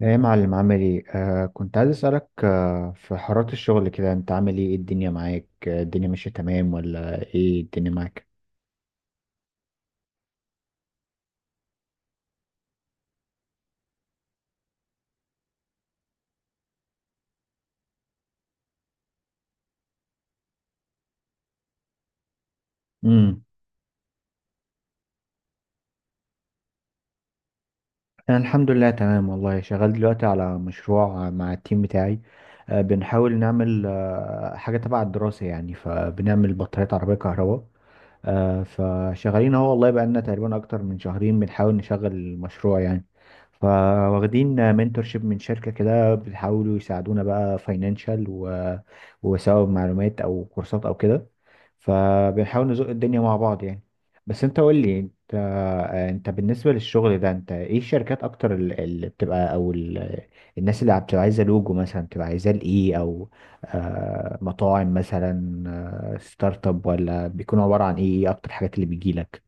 ايه يا معلم، عامل ايه؟ كنت عايز اسالك، في حوارات الشغل كده انت عامل ايه؟ إيه الدنيا معاك؟ الدنيا ماشيه تمام ولا ايه؟ الدنيا معاك. امم. انا الحمد لله تمام والله، شغال دلوقتي على مشروع مع التيم بتاعي. بنحاول نعمل حاجه تبع الدراسه يعني، فبنعمل بطاريات عربيه كهرباء. فشغالين اهو والله، بقى لنا تقريبا اكتر من شهرين بنحاول نشغل المشروع يعني. فواخدين منتورشيب من شركة كده، بيحاولوا يساعدونا بقى فاينانشال وسواء معلومات او كورسات او كده. فبنحاول نزق الدنيا مع بعض يعني. بس انت قول لي انت. انت بالنسبة للشغل ده، انت ايه الشركات اكتر اللي بتبقى او الناس اللي بتبقى عايزة لوجو مثلا، بتبقى عايزة لايه؟ او مطاعم مثلا، ستارت اب، ولا بيكون عبارة عن ايه؟ ايه اكتر الحاجات اللي بتجيلك؟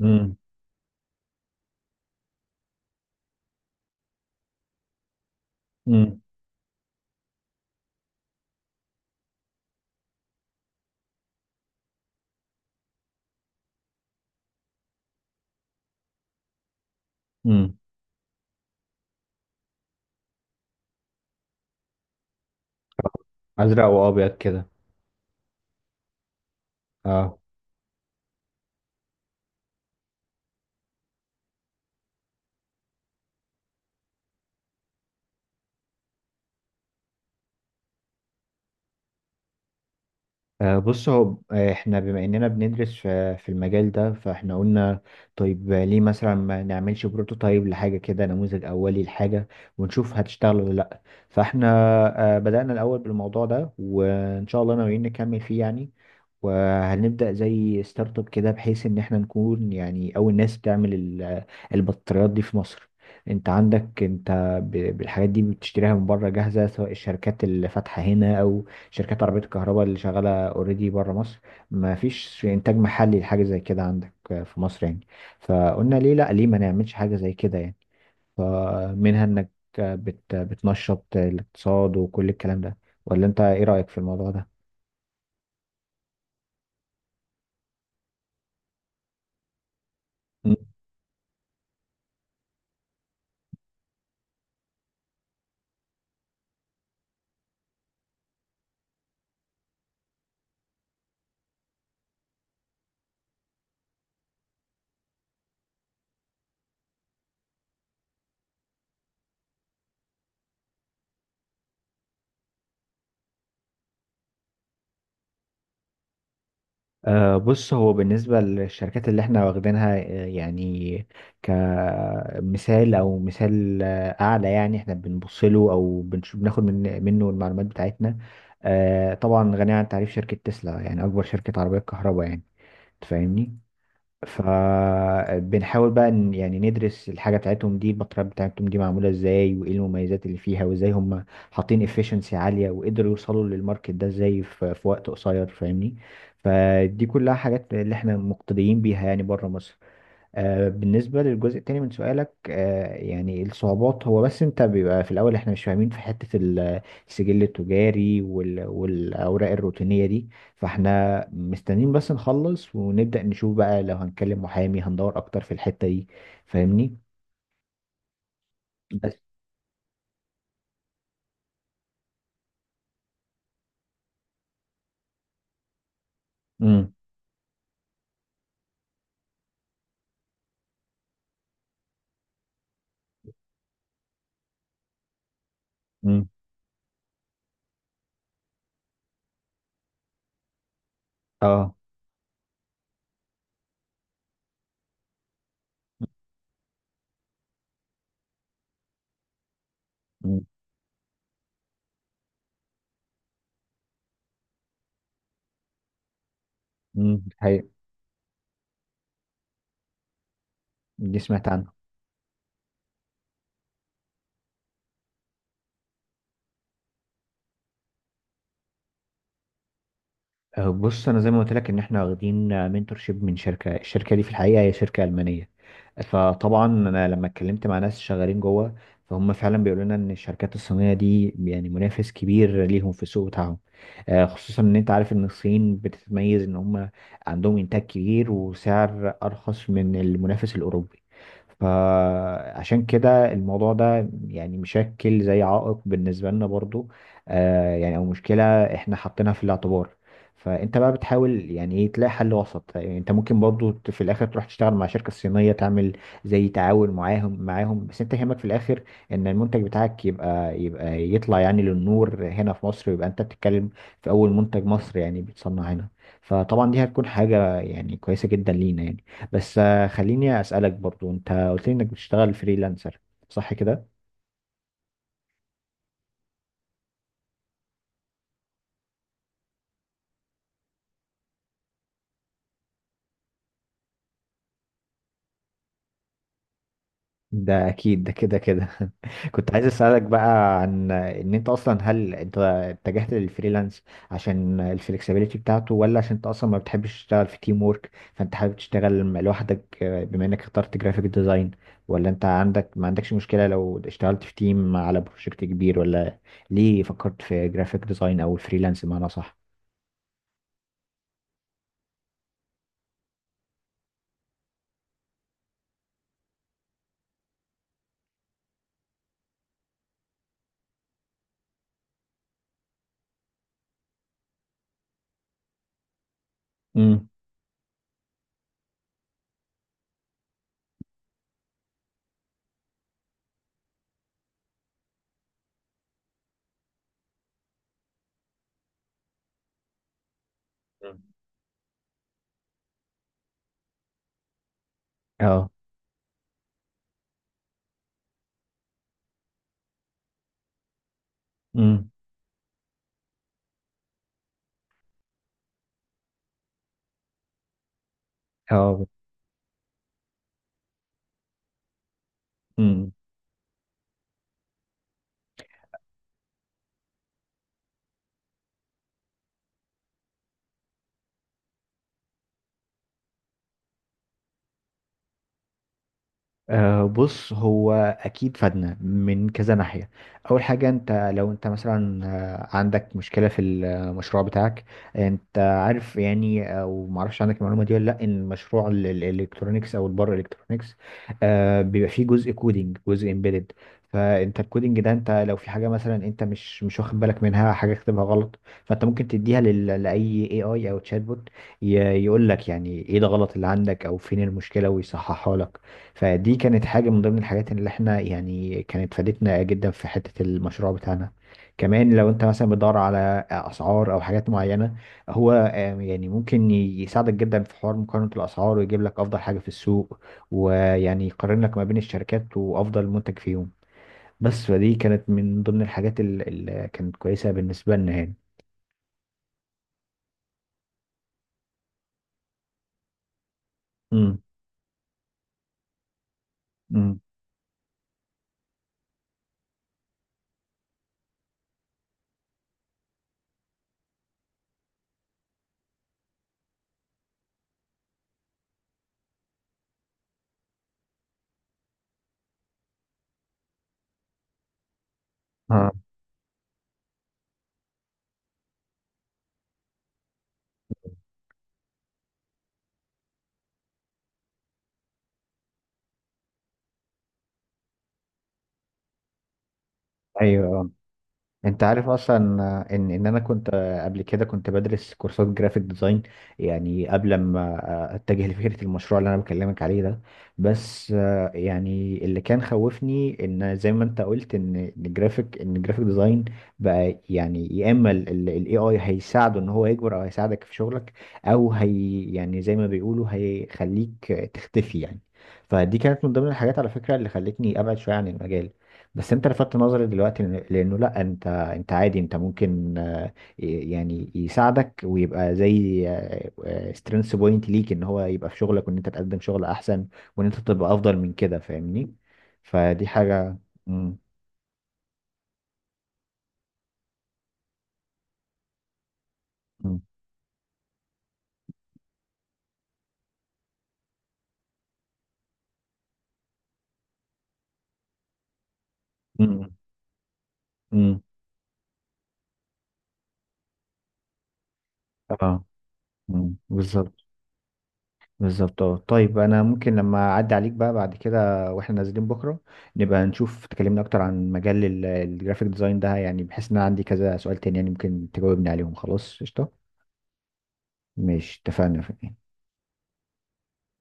امم. امم. امم. ازرق وابيض كده. اه. بص هو، احنا بما اننا بندرس في المجال ده، فاحنا قلنا طيب، ليه مثلا ما نعملش بروتوتايب لحاجة كده، نموذج اولي لحاجة، ونشوف هتشتغل ولا لا. فاحنا بدأنا الاول بالموضوع ده، وان شاء الله ناويين نكمل فيه يعني. وهنبدأ زي ستارت اب كده، بحيث ان احنا نكون يعني اول ناس بتعمل البطاريات دي في مصر. انت عندك انت بالحاجات دي بتشتريها من بره جاهزة، سواء الشركات اللي فاتحة هنا، شركات عربية الكهرباء اللي شغالة اوريدي بره مصر. ما فيش إنتاج محلي لحاجة زي كده عندك في مصر يعني. فقلنا ليه لأ، ليه ما نعملش حاجة زي كده يعني، فمنها إنك بتنشط الاقتصاد وكل الكلام ده. ولا أنت إيه رأيك في الموضوع ده؟ بص هو، بالنسبة للشركات اللي احنا واخدينها يعني كمثال او مثال اعلى، يعني احنا بنبص له او بناخد منه المعلومات بتاعتنا. طبعا غنية عن التعريف شركة تسلا، يعني اكبر شركة عربية كهرباء يعني. تفهمني. فبنحاول بقى يعني ندرس الحاجة بتاعتهم دي، المطرح بتاعتهم دي معمولة ازاي، وايه المميزات اللي فيها، وازاي هم حاطين efficiency عالية، وقدروا يوصلوا للماركت ده ازاي في وقت قصير. فاهمني. فدي كلها حاجات اللي احنا مقتديين بيها يعني بره مصر. بالنسبة للجزء التاني من سؤالك، يعني الصعوبات، هو بس انت بيبقى في الأول احنا مش فاهمين في حتة السجل التجاري والأوراق الروتينية دي. فاحنا مستنيين بس نخلص ونبدأ نشوف بقى، لو هنكلم محامي هندور أكتر في الحتة دي. فاهمني. بس. امم. امم. اه. الحقيقة. دي سمعت عنها. بص انا زي ما قلت لك ان احنا واخدين منتورشيب من شركه، الشركه دي في الحقيقه هي شركه المانيه. فطبعا انا لما اتكلمت مع ناس شغالين جوه، فهم فعلا بيقولوا لنا ان الشركات الصينيه دي يعني منافس كبير ليهم في السوق بتاعهم. خصوصا ان انت عارف ان الصين بتتميز ان هم عندهم انتاج كبير وسعر ارخص من المنافس الاوروبي. فعشان كده الموضوع ده يعني مشكل زي عائق بالنسبه لنا برضو. يعني او مشكله، احنا حاطينها في الاعتبار. فانت بقى بتحاول يعني ايه تلاقي حل وسط، يعني انت ممكن برضو في الاخر تروح تشتغل مع شركة صينية، تعمل زي تعاون معاهم. معاهم بس انت يهمك في الاخر ان المنتج بتاعك يبقى يطلع يعني للنور هنا في مصر، ويبقى انت بتتكلم في اول منتج مصري يعني بيتصنع هنا. فطبعا دي هتكون حاجة يعني كويسة جدا لينا يعني. بس خليني اسألك برضو، انت قلت لي انك بتشتغل فريلانسر، صح كده؟ ده اكيد ده كده كده. كنت عايز اسالك بقى عن ان انت اصلا، هل انت اتجهت للفريلانس عشان الفلكسبيليتي بتاعته، ولا عشان انت اصلا ما بتحبش تشتغل في تيم وورك، فانت حابب تشتغل لوحدك؟ بما انك اخترت جرافيك ديزاين، ولا انت عندك ما عندكش مشكله لو اشتغلت في تيم على بروجكت كبير؟ ولا ليه فكرت في جرافيك ديزاين او الفريلانس؟ بمعنى صح. امم. مم. اه. امم. اه. أه بص هو، اكيد فادنا من كذا ناحيه. اول حاجه، انت لو انت مثلا عندك مشكله في المشروع بتاعك، انت عارف يعني او ما اعرفش عندك المعلومه دي ولا لا، ان مشروع الالكترونيكس او البر الالكترونيكس، أه بيبقى فيه جزء كودينج، جزء امبيدد. فانت الكودينج ده انت لو في حاجه مثلا انت مش واخد بالك منها، حاجه كتبها غلط، فانت ممكن تديها لاي اي اي او تشات بوت، يقول لك يعني ايه ده غلط اللي عندك، او فين المشكله ويصححها لك. فدي كانت حاجة من ضمن الحاجات اللي احنا يعني كانت فادتنا جدا في حتة المشروع بتاعنا. كمان لو انت مثلا بتدور على اسعار او حاجات معينة، هو يعني ممكن يساعدك جدا في حوار مقارنة الاسعار، ويجيب لك افضل حاجة في السوق، ويعني يقارن لك ما بين الشركات وافضل منتج فيهم. بس فدي كانت من ضمن الحاجات اللي كانت كويسة بالنسبة لنا يعني. امم. امم. آه. ايوه آه. انت عارف اصلا ان انا كنت قبل كده كنت بدرس كورسات جرافيك ديزاين، يعني قبل ما اتجه لفكره المشروع اللي انا بكلمك عليه ده. بس يعني اللي كان خوفني ان زي ما انت قلت، ان الجرافيك، ان الجرافيك ديزاين بقى يعني، يا اما الاي اي هيساعده ان هو يكبر او هيساعدك في شغلك، او هي يعني زي ما بيقولوا هيخليك تختفي يعني. فدي كانت من ضمن الحاجات على فكره اللي خلتني ابعد شويه عن المجال. بس انت لفتت نظري دلوقتي، لانه لا، انت عادي، انت ممكن يعني يساعدك ويبقى زي سترينث بوينت ليك، ان هو يبقى في شغلك، وان انت تقدم شغل احسن، وان انت تبقى افضل من كده. فاهمني. فدي حاجة. مم. مم. مم. مم. اه. مم. بالظبط. بالظبط اه. طيب انا ممكن لما اعدي عليك بقى بعد كده، واحنا نازلين بكرة، نبقى نشوف، تكلمنا اكتر عن مجال الجرافيك ديزاين ده، يعني بحيث ان انا عندي كذا سؤال تاني، يعني ممكن تجاوبني عليهم؟ خلاص، قشطة. مش اتفقنا؟